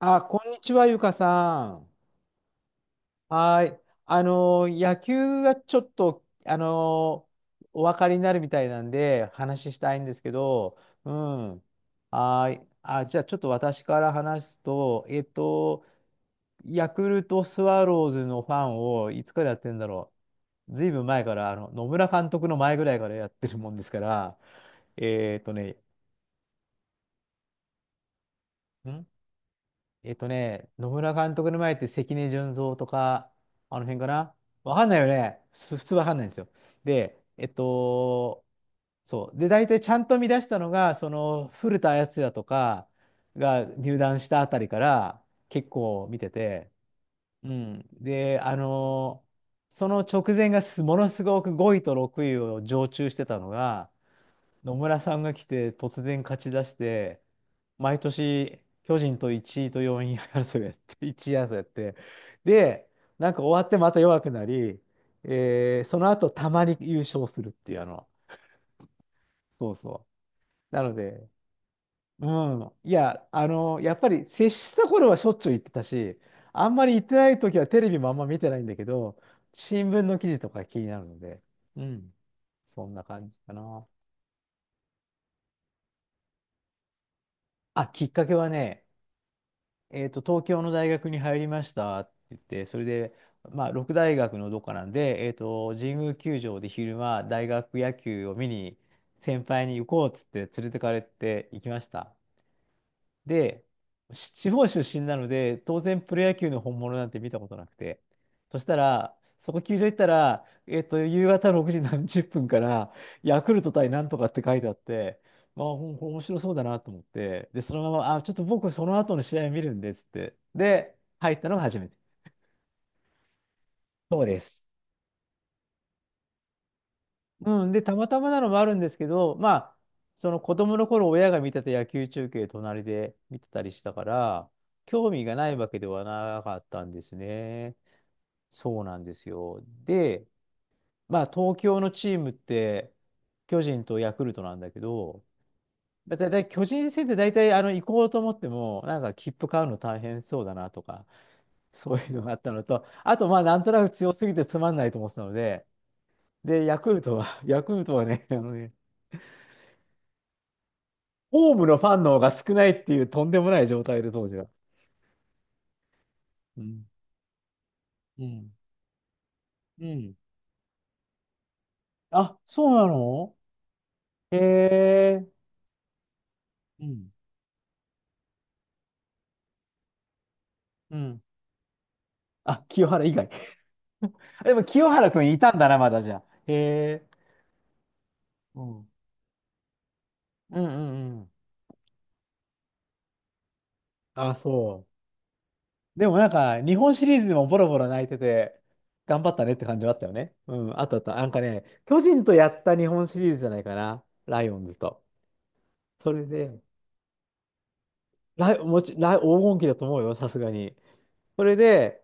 あ、こんにちは、ゆかさん。はい。野球がちょっと、お分かりになるみたいなんで、話したいんですけど、うん。はい。あ、じゃあ、ちょっと私から話すと、ヤクルトスワローズのファンをいつからやってんだろう。ずいぶん前から、野村監督の前ぐらいからやってるもんですから、えっとね、ん野村監督の前って関根純三とか、あの辺かな。わかんないよね。普通わかんないんですよ。で、そう。で、大体ちゃんと見出したのが、その古田敦也とかが入団したあたりから結構見てて、うん。で、その直前がものすごく5位と6位を常駐してたのが、野村さんが来て突然勝ち出して、毎年巨人と1位と4位争いやって、1位争いやって、で、なんか終わってまた弱くなり、その後たまに優勝するっていうそうそう。なので、うん、やっぱり接した頃はしょっちゅう言ってたし、あんまり言ってない時はテレビもあんま見てないんだけど、新聞の記事とか気になるので、うん、そんな感じかな。あ、きっかけはね、東京の大学に入りましたって言って、それで、まあ、六大学のどっかなんで、神宮球場で昼間、大学野球を見に、先輩に行こうっつって連れてかれて行きました。で、地方出身なので、当然プロ野球の本物なんて見たことなくて。そしたら、そこ球場行ったら、夕方6時何十分から、ヤクルト対なんとかって書いてあって、まあ、面白そうだなと思って、で、そのまま、あ、ちょっと僕その後の試合見るんですって。で、入ったのが初めて。そうです。うん、で、たまたまなのもあるんですけど、まあ、その子供の頃親が見てた野球中継隣で見てたりしたから、興味がないわけではなかったんですね。そうなんですよ。で、まあ、東京のチームって、巨人とヤクルトなんだけど、だいたい巨人戦って大体行こうと思っても、なんか切符買うの大変そうだなとか、そういうのがあったのと、あとまあなんとなく強すぎてつまんないと思ってたので、で、ヤクルトはね、あのね、ホームのファンの方が少ないっていうとんでもない状態で、当時は。うん。うん。うん。あ、そうなの。へえ。うん。うん。あ、清原以外。でも清原くんいたんだな、まだじゃあ。へえ。うん。うんうんうん。あ、そう。でもなんか、日本シリーズでもボロボロ泣いてて、頑張ったねって感じはあったよね。うん、あったあった。なんかね、巨人とやった日本シリーズじゃないかな。ライオンズと。それで、ライ、もち、ライ、黄金期だと思うよ、さすがに。それで、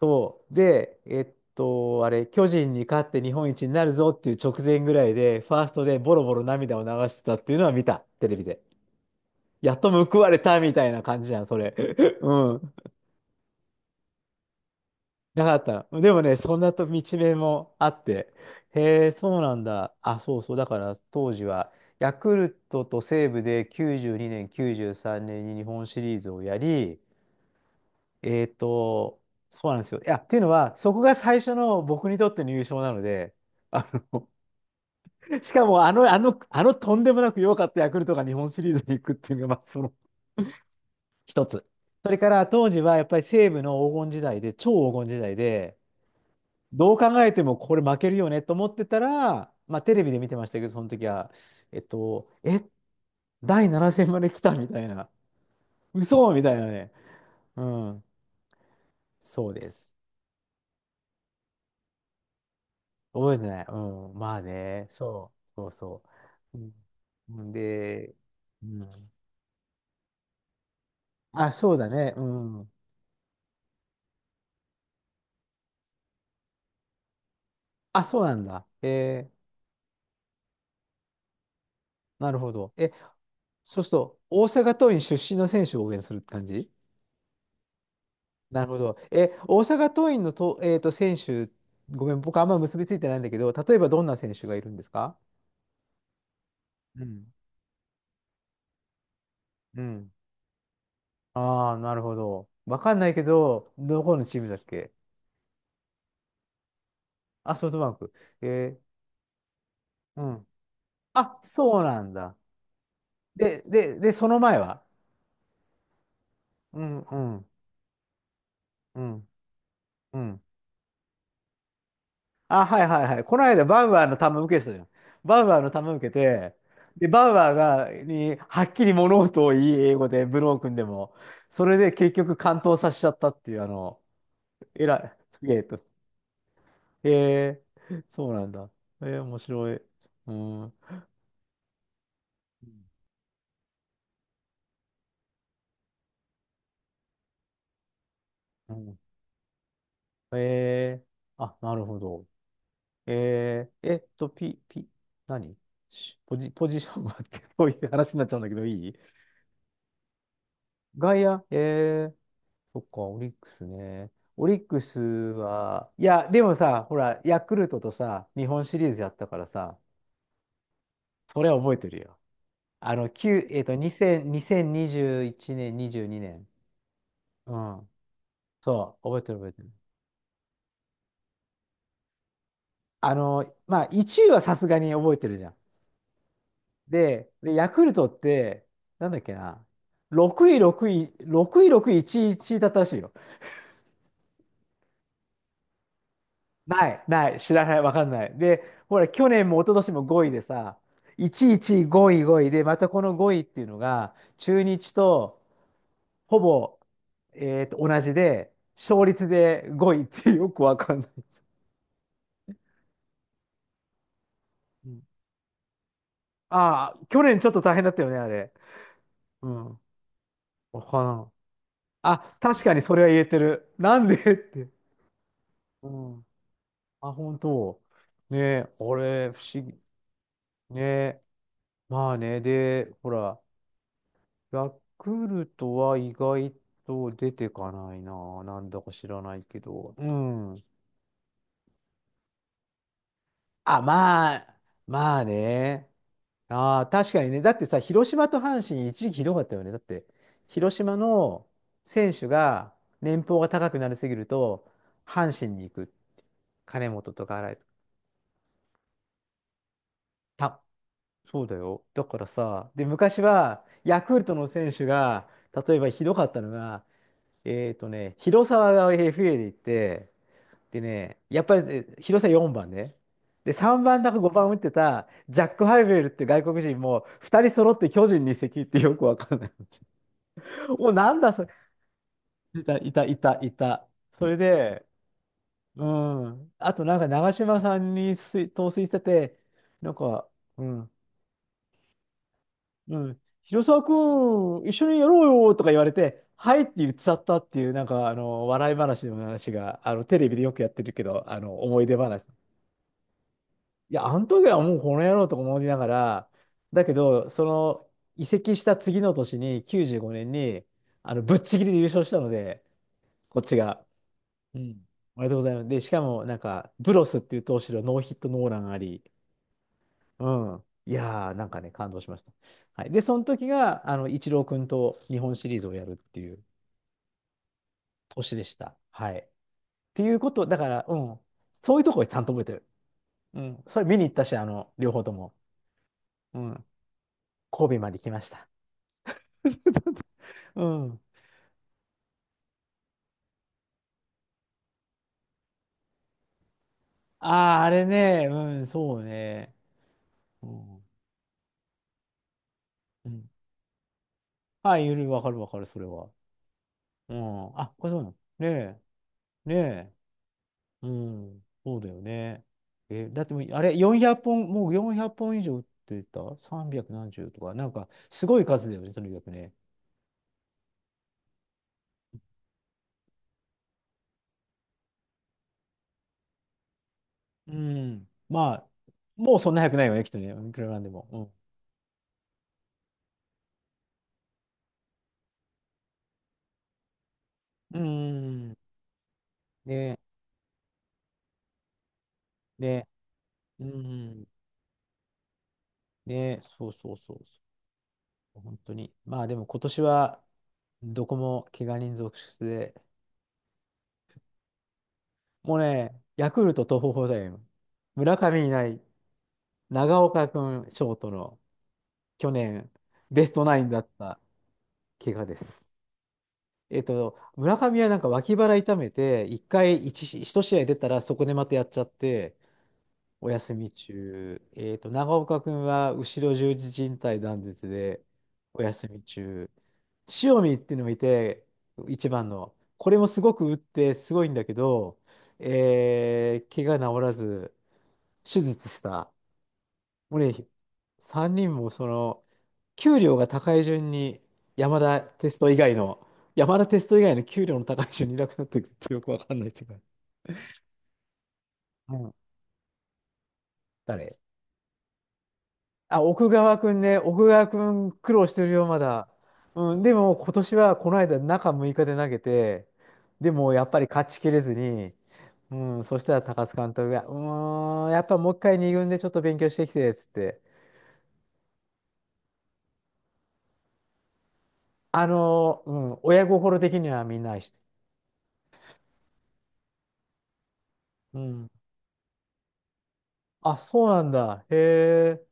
そう、で、あれ、巨人に勝って日本一になるぞっていう直前ぐらいで、ファーストでボロボロ涙を流してたっていうのは見た、テレビで。やっと報われたみたいな感じじゃん、それ。うん。なかったの。でもね、そんなと道面もあって、へえ、そうなんだ。あ、そうそう、だから当時は、ヤクルトと西武で92年、93年に日本シリーズをやり、えーっと、そうなんですよ。っていうのは、そこが最初の僕にとっての優勝なので、あの、しかもあのとんでもなく弱かったヤクルトが日本シリーズに行くっていうのが、まあ、その一つ。それから当時はやっぱり西武の黄金時代で、超黄金時代で、どう考えてもこれ負けるよねと思ってたら、まあテレビで見てましたけど、その時は、えっと、え、第7戦まで来たみたいな、嘘みたいなね。うん、そうです。覚えてない。うん。まあね。そうそうそう。うん、で、うん。あ、そうだね。うん。あ、そうなんだ。えー、なるほど。え、そうすると、大阪桐蔭出身の選手を応援するって感じ。なるほど。え、大阪桐蔭のと、選手、ごめん、僕あんま結びついてないんだけど、例えばどんな選手がいるんですか？うん。うん。ああ、なるほど。わかんないけど、どこのチームだっけ。あ、ソフトバンク。えー、うん。あ、そうなんだ。で、で、で、その前は？うんうんうんうん。あ、はいはいはい。この間バウアーの球受けてたじゃん。バウアーの球受けて、で、バウアーが、に、はっきり物事を言い英語で、ブロー君でも、それで結局完投させちゃったっていう、あの、えらい、すげえと。へえ。そうなんだ。えー面白い。うん。うん。えーあ、なるほど。えー、えっと、ピ、ピ、何ポジションは？って こういう話になっちゃうんだけど、いい。外野、えー、そっか、オリックスね。オリックスは、いや、でもさ、ほら、ヤクルトとさ、日本シリーズやったからさ、それは覚えてるよ。あの、9、えっと、2000、2021年、22年。うん。そう、覚えてる覚えてる。あの、まあ、1位はさすがに覚えてるじゃん。で、でヤクルトって、なんだっけな、6位、6位、6位、6位、1位、1位だったらしいよ。ない、ない、知らない、わかんない。で、ほら、去年も一昨年も5位でさ、1位、1位、5位、5位で、またこの5位っていうのが、中日とほぼ、同じで、勝率で5位ってよくわかんない。うん。ああ、去年ちょっと大変だったよね、あれ。うん。わからん。あ、確かにそれは言えてる。なんでって。うん。あ、本当。ねえ、あれ、不思議。ねえ、まあね、で、ほら、ヤクルトは意外と出てかないな。なんだか知らないけど。うん。あ、まあ、まあね。ああ、確かにね。だってさ、広島と阪神、一時期ひどかったよね。だって、広島の選手が年俸が高くなりすぎると、阪神に行く。金本とか、あれ、たそうだよ。だからさ、で、昔はヤクルトの選手が、例えばひどかったのが、えっとね、広沢が FA で行って、でね、やっぱり、え広沢4番ね。で、3番だか5番打ってたジャック・ハイベルって外国人も2人揃って巨人に移籍ってよくわかんない。お、なんだそれ。いた。それで、うん。あとなんか長嶋さんに陶酔してて、なんか、うん。うん、広沢君、一緒にやろうよとか言われて、はいって言っちゃったっていう、笑い話の話が、テレビでよくやってるけど、思い出話。いや、あの時はもうこの野郎とか思いながら、だけど、その移籍した次の年に、95年に、あのぶっちぎりで優勝したので、こっちが。うん。おめでとうございます。で、しかも、ブロスっていう投手のノーヒットノーランあり、うん。いやー、なんかね、感動しました。はい。で、その時が、イチロー君と日本シリーズをやるっていう年でした。はい。っていうこと、だから、うん。そういうところちゃんと覚えてる。うん。それ見に行ったし、両方とも。うん。神戸まで来ました。うん。ああ、あれね、うん、そうね。うん。うん、はい、わかるわかる、それは。うん。あ、これそうなの。ねえ、ねえ。うん、そうだよね。え、だってもう、あれ、400本、もう400本以上売ってた？ 300 何十とか、なんか、すごい数だよね、とにかくね。うん。まあ、もうそんな早くないよね、きっとね。いくらなんでも。うん。うん。ね、ね、うん。ね、そうそうそう。そう本当に。まあ、でも今年は、どこも怪我人続出で、もうね、ヤクルト東邦だよ。村上いない、長岡君ショートの。去年、ベストナインだった怪我です。えっと、村上はなんか脇腹痛めて、一回一し一試合出たら、そこでまたやっちゃって、お休み中。えっと、長岡君は後ろ十字靭帯断絶で、お休み中。塩見っていうのもいて、一番の。これもすごく打って、すごいんだけど、怪我治らず、手術した。もうね、3人もその、給料が高い順に山田テスト以外の、山田テスト以外の給料の高い順にいなくなっていくるてよくわかんないですうか。うん。誰あ、奥川くんね。奥川くん苦労してるよ、まだ。うん。でも今年はこの間中6日で投げて、でもやっぱり勝ちきれずに、うん。そしたら高津監督が、やっぱもう一回二軍でちょっと勉強してきて、つって。うん。親心的にはみんな愛してる。うん。あ、そうなんだ。へえ。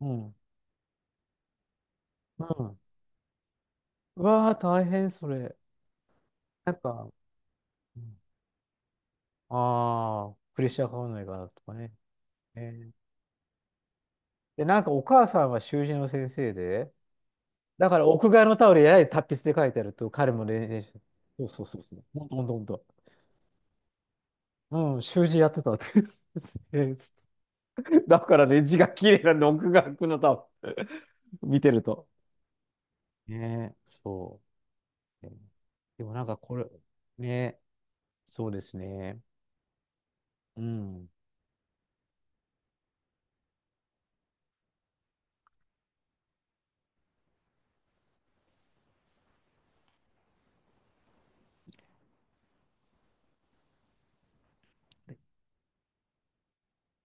うん。うん。うわあ、大変それ。なんか、ああー、プレッシャーかかんないかなとかね。えーで、なんかお母さんは習字の先生で、だから屋外のタオルややれ達筆で書いてあると、彼も練習。そうそうそうそう。ほんとほんとほんと。うん、習字やってたって。えーだからね、字が綺麗なんで、屋外のタオル 見てると。ねえ、そう。えーでもなんかこれ、ねえ、そうですね。うん。